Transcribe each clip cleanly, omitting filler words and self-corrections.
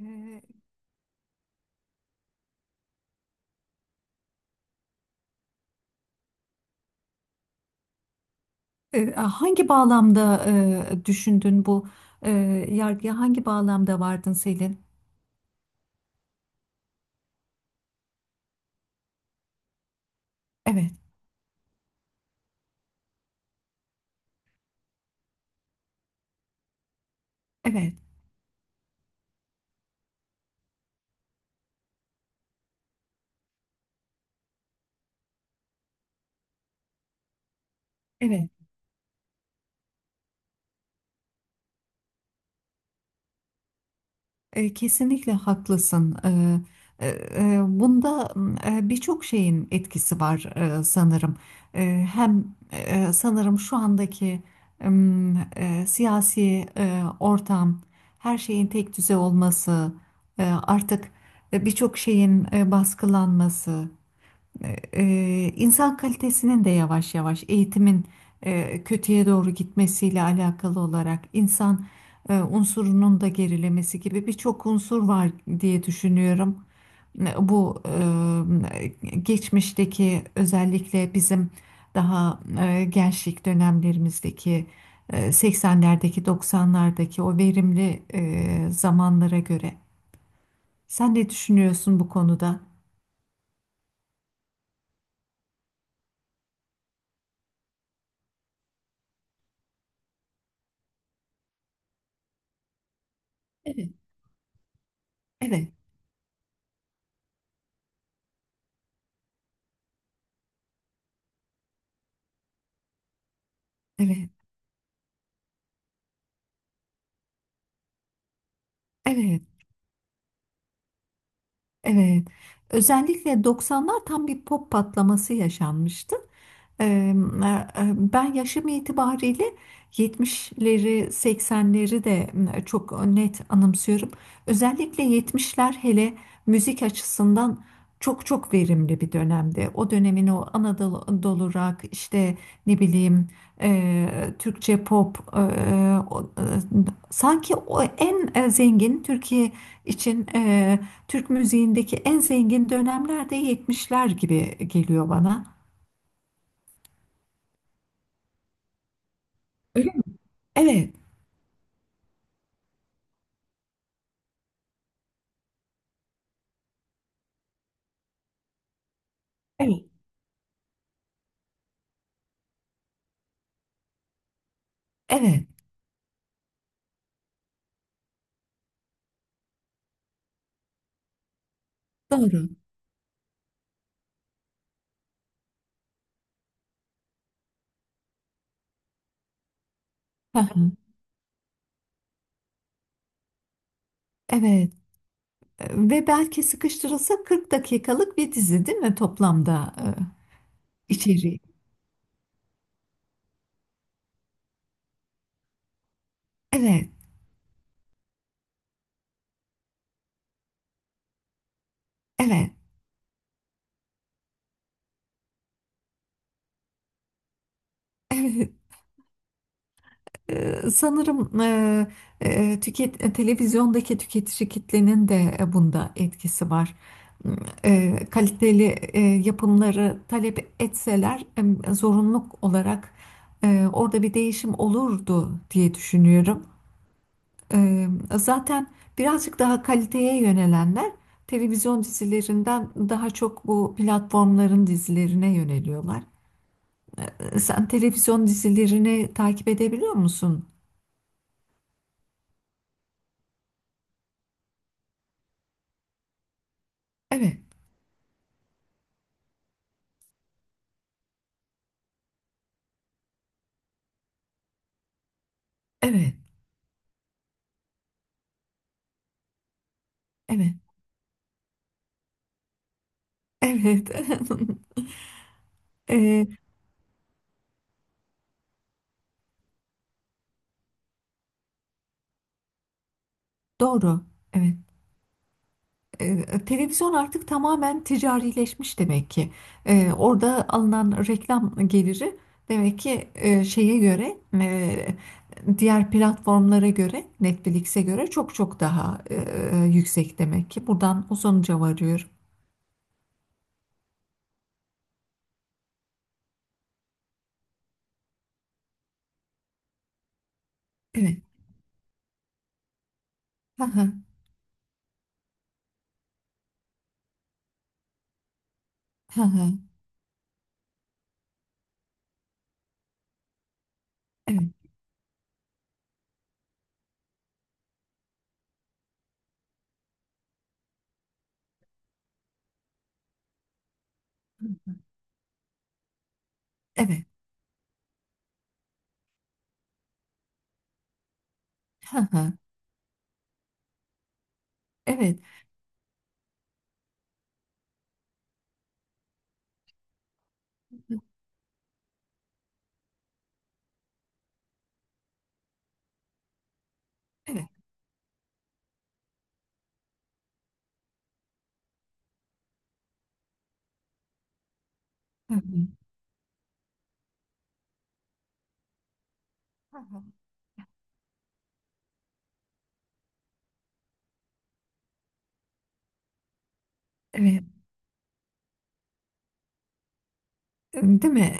Ee, Hangi bağlamda düşündün bu e, yargıya hangi bağlamda vardın Selin? Evet, evet, evet. Kesinlikle haklısın. E, e, Bunda birçok şeyin etkisi var, sanırım. Hem sanırım şu andaki siyasi ortam, her şeyin tek düze olması, artık birçok şeyin baskılanması. İnsan kalitesinin de yavaş yavaş eğitimin kötüye doğru gitmesiyle alakalı olarak insan unsurunun da gerilemesi gibi birçok unsur var diye düşünüyorum. Bu geçmişteki özellikle bizim daha gençlik dönemlerimizdeki 80'lerdeki 90'lardaki o verimli zamanlara göre. Sen ne düşünüyorsun bu konuda? Evet. Evet, evet, evet. Evet. Özellikle 90'lar tam bir pop patlaması yaşanmıştı. Ee, e, Ben yaşım itibariyle 70'leri, 80'leri de çok net anımsıyorum. Özellikle 70'ler hele müzik açısından çok çok verimli bir dönemdi. O dönemin o Anadolu Anadolu rock işte ne bileyim, Türkçe pop, sanki o en zengin Türkiye için, Türk müziğindeki en zengin dönemlerde yetmişler gibi geliyor bana. Öyle mi? Evet, evet, evet, doğru. Hı hı. Evet. Ve belki sıkıştırılsa 40 dakikalık bir dizi değil mi toplamda, içeriği? Evet, evet, evet. Sanırım televizyondaki tüketici kitlenin de bunda etkisi var. M, Kaliteli yapımları talep etseler zorunluluk olarak orada bir değişim olurdu diye düşünüyorum. E, Zaten birazcık daha kaliteye yönelenler televizyon dizilerinden daha çok bu platformların dizilerine yöneliyorlar. Sen televizyon dizilerini takip edebiliyor musun? Evet, evet. Evet, evet. Eee, doğru. Evet. Televizyon artık tamamen ticarileşmiş demek ki. Orada alınan reklam geliri demek ki şeye göre, diğer platformlara göre, Netflix'e göre çok çok daha yüksek demek ki. Buradan o sonuca varıyorum. Evet. Hı hı. Hı hı. Evet. Evet. Hı hı. Evet. Evet. Hı hı. Hı hı. Evet. Değil mi?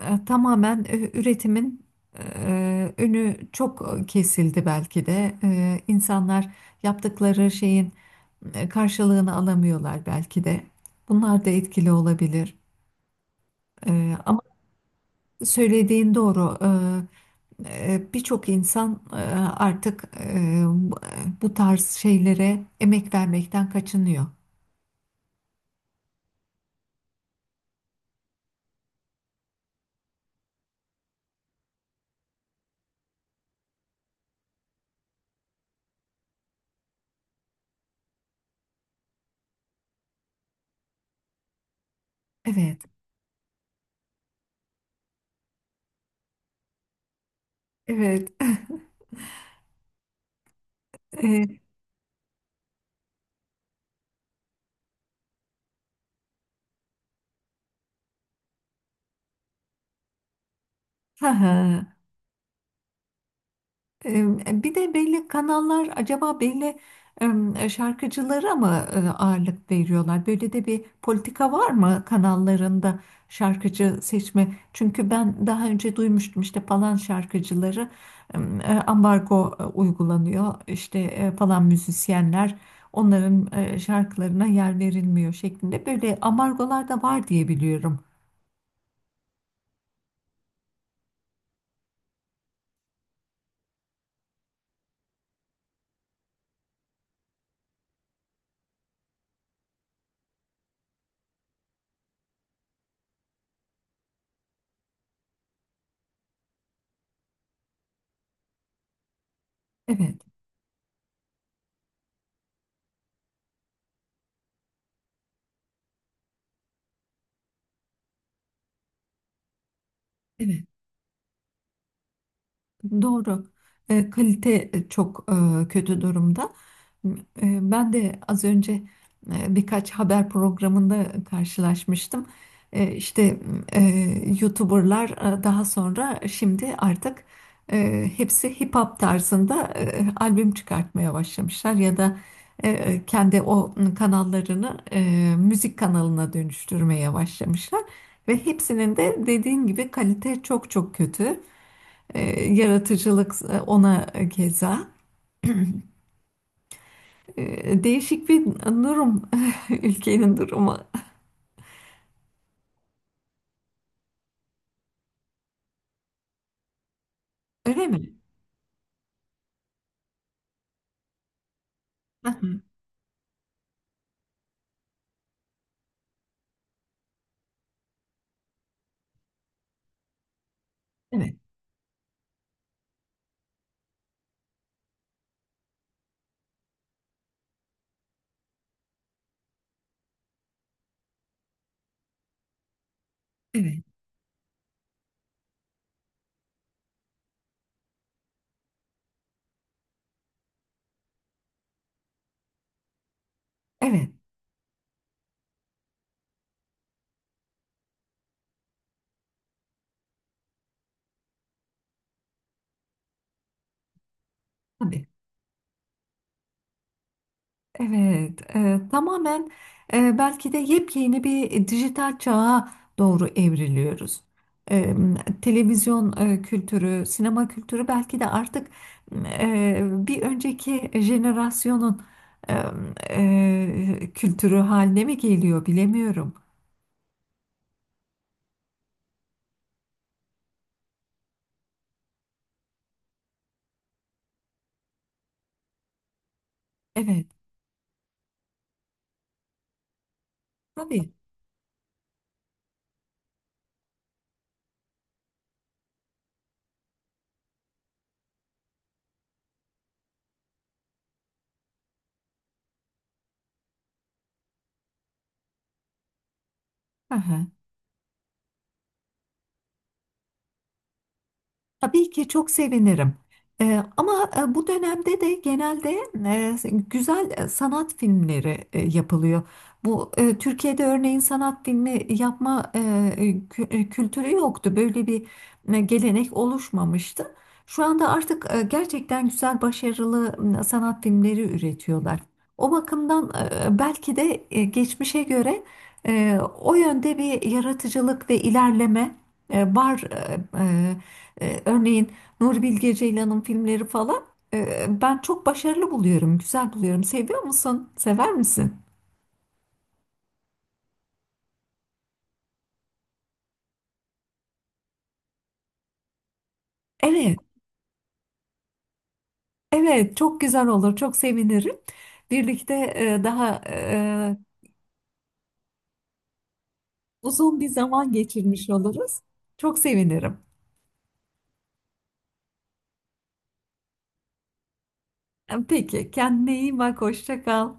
Tamamen üretimin önü çok kesildi belki de. İnsanlar yaptıkları şeyin karşılığını alamıyorlar belki de. Bunlar da etkili olabilir. Ama söylediğin doğru. Birçok insan artık bu bu tarz şeylere emek vermekten kaçınıyor. Evet, evet. E, Bir de belli kanallar acaba belli şarkıcılara mı ağırlık veriyorlar? Böyle de bir politika var mı kanallarında şarkıcı seçme? Çünkü ben daha önce duymuştum işte falan şarkıcıları e, ambargo uygulanıyor. İşte falan müzisyenler onların şarkılarına yer verilmiyor şeklinde. Böyle ambargolar da var diye biliyorum. Evet, evet. Doğru. Kalite çok kötü durumda. Ben de az önce birkaç haber programında karşılaşmıştım. İşte e, YouTuber'lar daha sonra şimdi artık hepsi hip hop tarzında albüm çıkartmaya başlamışlar ya da kendi o kanallarını müzik kanalına dönüştürmeye başlamışlar ve hepsinin de dediğin gibi kalite çok çok kötü. E, Yaratıcılık, ona keza. Değişik bir durum, ülkenin durumu. Öyle mi? Hı hı. Evet, evet, evet, tabii. Evet, tamamen belki de yepyeni bir dijital çağa doğru evriliyoruz. E, Televizyon kültürü, sinema kültürü belki de artık e, bir önceki jenerasyonun e, kültürü haline mi geliyor bilemiyorum. Evet, tabii. Aha. Tabii ki çok sevinirim. Ama bu dönemde de genelde güzel sanat filmleri yapılıyor. Bu, Türkiye'de örneğin sanat filmi yapma kültürü yoktu. Böyle bir gelenek oluşmamıştı. Şu anda artık gerçekten güzel, başarılı sanat filmleri üretiyorlar. O bakımdan belki de geçmişe göre o yönde bir yaratıcılık ve ilerleme var. Örneğin Nuri Bilge Ceylan'ın filmleri falan, ben çok başarılı buluyorum, güzel buluyorum. Seviyor musun? Sever misin? Evet, evet, çok güzel olur, çok sevinirim. Birlikte daha uzun bir zaman geçirmiş oluruz. Çok sevinirim. Peki, kendine iyi bak, hoşça kal.